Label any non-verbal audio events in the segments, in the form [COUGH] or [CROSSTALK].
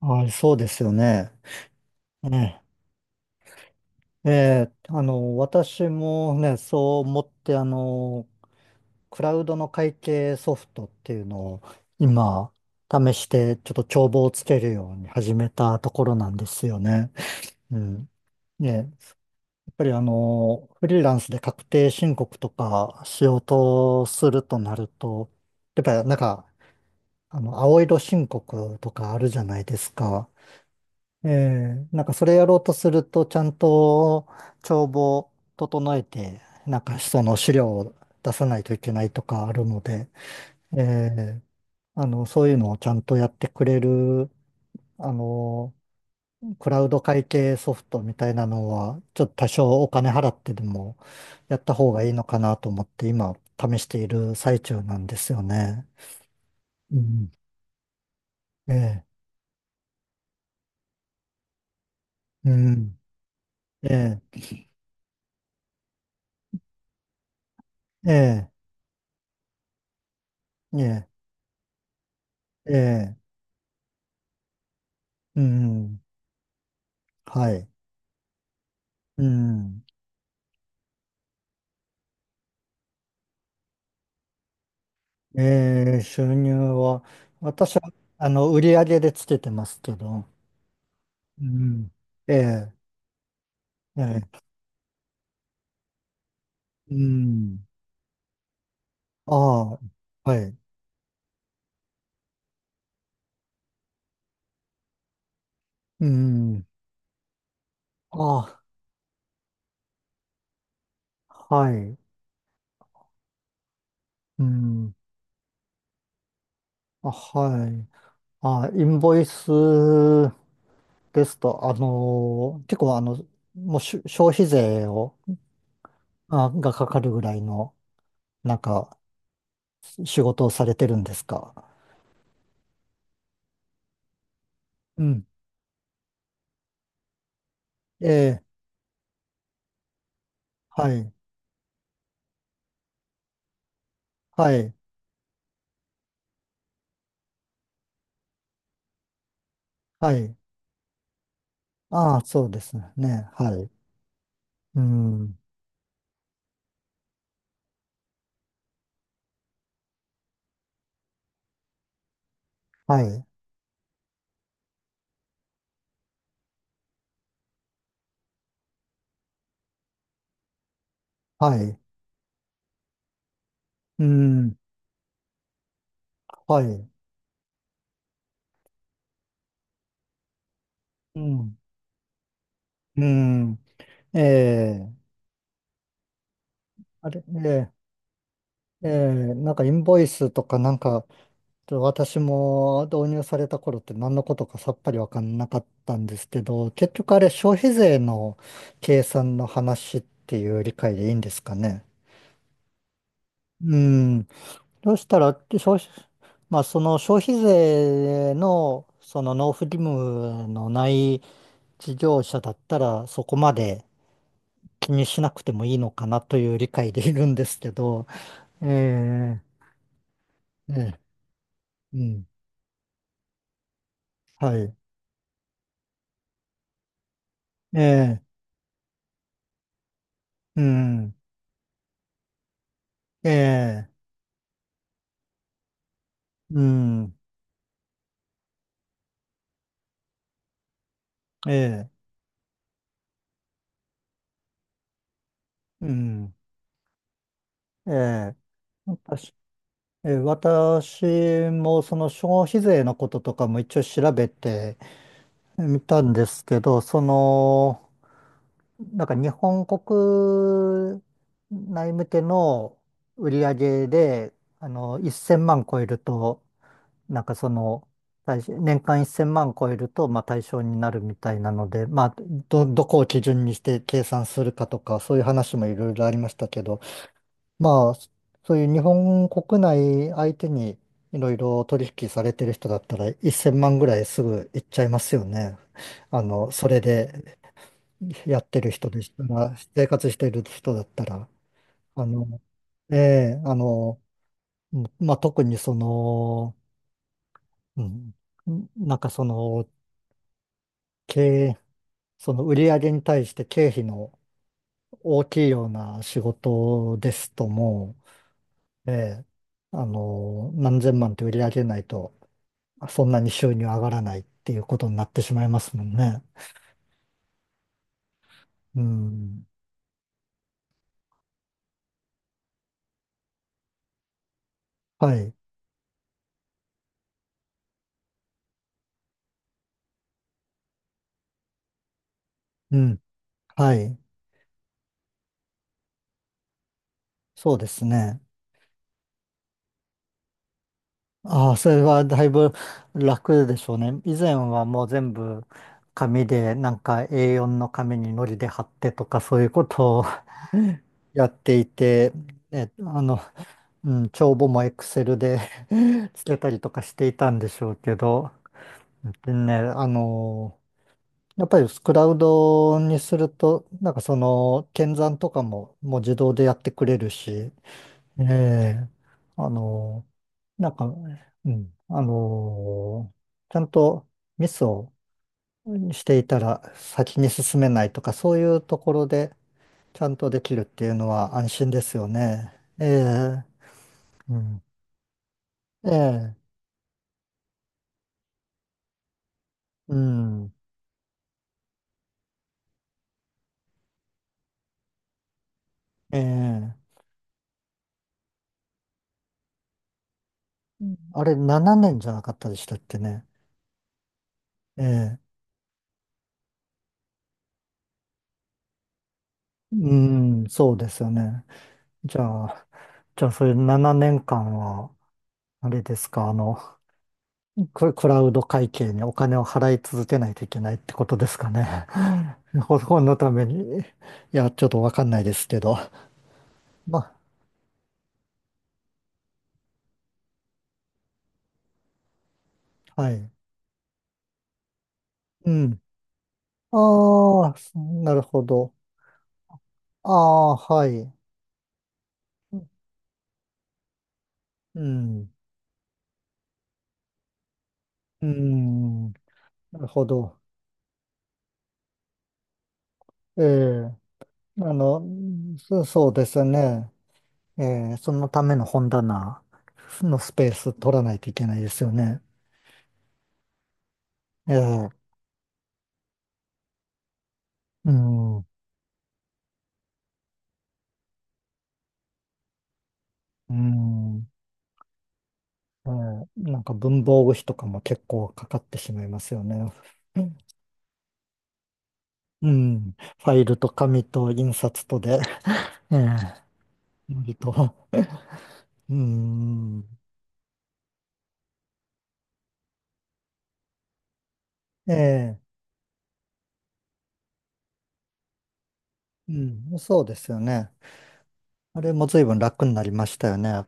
はい、そうですよね。ね。え私もね、そう思って、クラウドの会計ソフトっていうのを今、試して、ちょっと帳簿をつけるように始めたところなんですよね。うん。ね、やっぱりフリーランスで確定申告とかしようとするとなると、やっぱりなんか、青色申告とかあるじゃないですか。ええ、なんかそれやろうとすると、ちゃんと帳簿を整えて、なんかその資料を出さないといけないとかあるので、ええ、そういうのをちゃんとやってくれる、あの、クラウド会計ソフトみたいなのは、ちょっと多少お金払ってでもやった方がいいのかなと思って、今試している最中なんですよね。うん。ええ、うん。ええ、ええ、ええ、ええ、うん。はい。うん。えー、収入は、私は、売り上げでつけてますけど、うん。ええええうん。ああ、はい。うん。ああ、はい。うん。あ、はい。あ、インボイスですと、結構、もうし消費税を、がかかるぐらいの、なんか、仕事をされてるんですか？うん。ええはい。はい。はい。ああ、そうですね。はい。うん。はい。はい。うん。はい。うん。うん。ええあれ、なんかインボイスとかなんか、ちょっと私も導入された頃って何のことかさっぱりわかんなかったんですけど、結局あれ消費税の計算の話っていう理解でいいんですかね？うん。そしたら、まあ、その消費税の、その納付義務のない事業者だったらそこまで気にしなくてもいいのかなという理解でいるんですけど、ええええうん、はい、ええうん、ええうん、ええうん、ええ私、ええ私もその消費税のこととかも一応調べてみたんですけど、その、なんか日本国内向けの売り上げで、1000万超えると、なんかその、対象年間1000万超えると、まあ対象になるみたいなので、まあ、どこを基準にして計算するかとか、そういう話もいろいろありましたけど、まあ、そういう日本国内相手にいろいろ取引されてる人だったら、1000万ぐらいすぐいっちゃいますよね。あの、それでやってる人でしたら、生活してる人だったら、あの、ええ、うんまあ、特にその、うん、なんかその、経営、その売り上げに対して経費の大きいような仕事ですともう、ええ、何千万って売り上げないと、そんなに収入上がらないっていうことになってしまいますもんね。うん。はい。うん。はい。そうですね。ああ、それはだいぶ楽でしょうね。以前はもう全部紙で、なんか A4 の紙に糊で貼ってとかそういうことを [LAUGHS] やっていて、え、あの、うん、帳簿も Excel で [LAUGHS] つけたりとかしていたんでしょうけど、でね、やっぱりクラウドにすると、なんかその、検算とかももう自動でやってくれるし、ええ、あの、なんか、うん、ちゃんとミスをしていたら先に進めないとか、そういうところでちゃんとできるっていうのは安心ですよね。ええ、うん、ええ、うん、ええ、うんあれ7年じゃなかったでしたっけね？ええ、うん、そうですよね。じゃあ、それ7年間は、あれですか、クラウド会計にお金を払い続けないといけないってことですかね？[LAUGHS] 本のために。いや、ちょっとわかんないですけど。ま、はい。うん。ああ、なるほど。ああ、はい。うん。うん。なるほど。ええ、あの、そうですね。ええ、そのための本棚のスペース取らないといけないですよね。ええ、うん。うん。なんか文房具費とかも結構かかってしまいますよね。うん。ファイルと紙と印刷とで、ええ割と。うん。ええうん。そうですよね。あれも随分楽になりましたよね。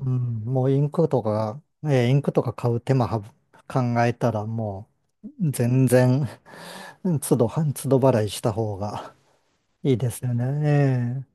うん。もうインクとか買う手間はぶ考えたらもう全然、[LAUGHS] 都度、都度払いした方がいいですよね。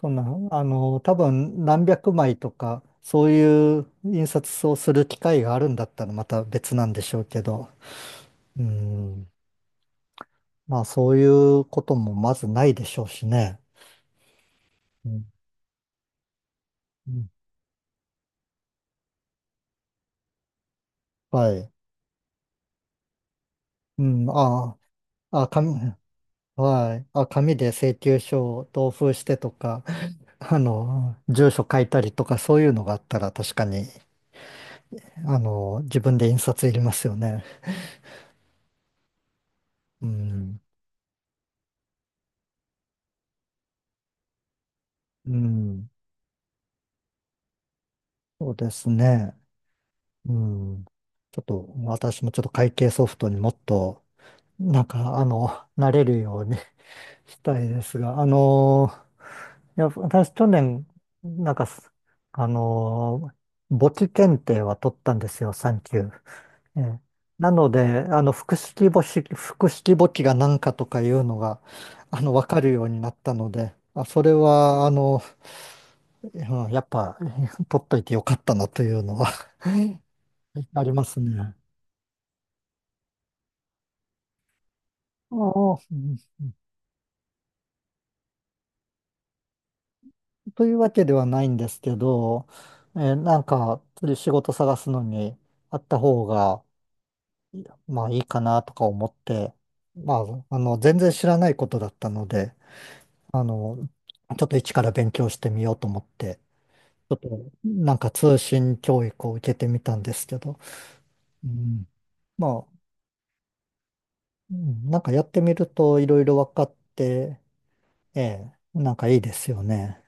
そんな、多分何百枚とか、そういう印刷をする機会があるんだったらまた別なんでしょうけど、うん、まあそういうこともまずないでしょうしね。うん、うんはい。うん、ああ、紙、はい。あ、紙で請求書を同封してとか、[LAUGHS] 住所書いたりとかそういうのがあったら確かに、自分で印刷いりますよね。うん、うん、そうですね。うん。ちょっと私もちょっと会計ソフトにもっと、なんか、慣れるように [LAUGHS] したいですが、いや、私去年、なんかす、あの、簿記検定は取ったんですよ、3級。ええなので、複式簿記が何かとかいうのが、わかるようになったので、あ、それは、うんやっぱ、[LAUGHS] 取っといてよかったなというのは [LAUGHS] ありますね。ああ、うんというわけではないんですけど、なんか、仕事探すのにあった方が、まあいいかなとか思って、まあ、全然知らないことだったので、あの、ちょっと一から勉強してみようと思って、ちょっと、なんか通信教育を受けてみたんですけど、うん、まあ、うんなんかやってみるといろいろ分かって、ええ、なんかいいですよね。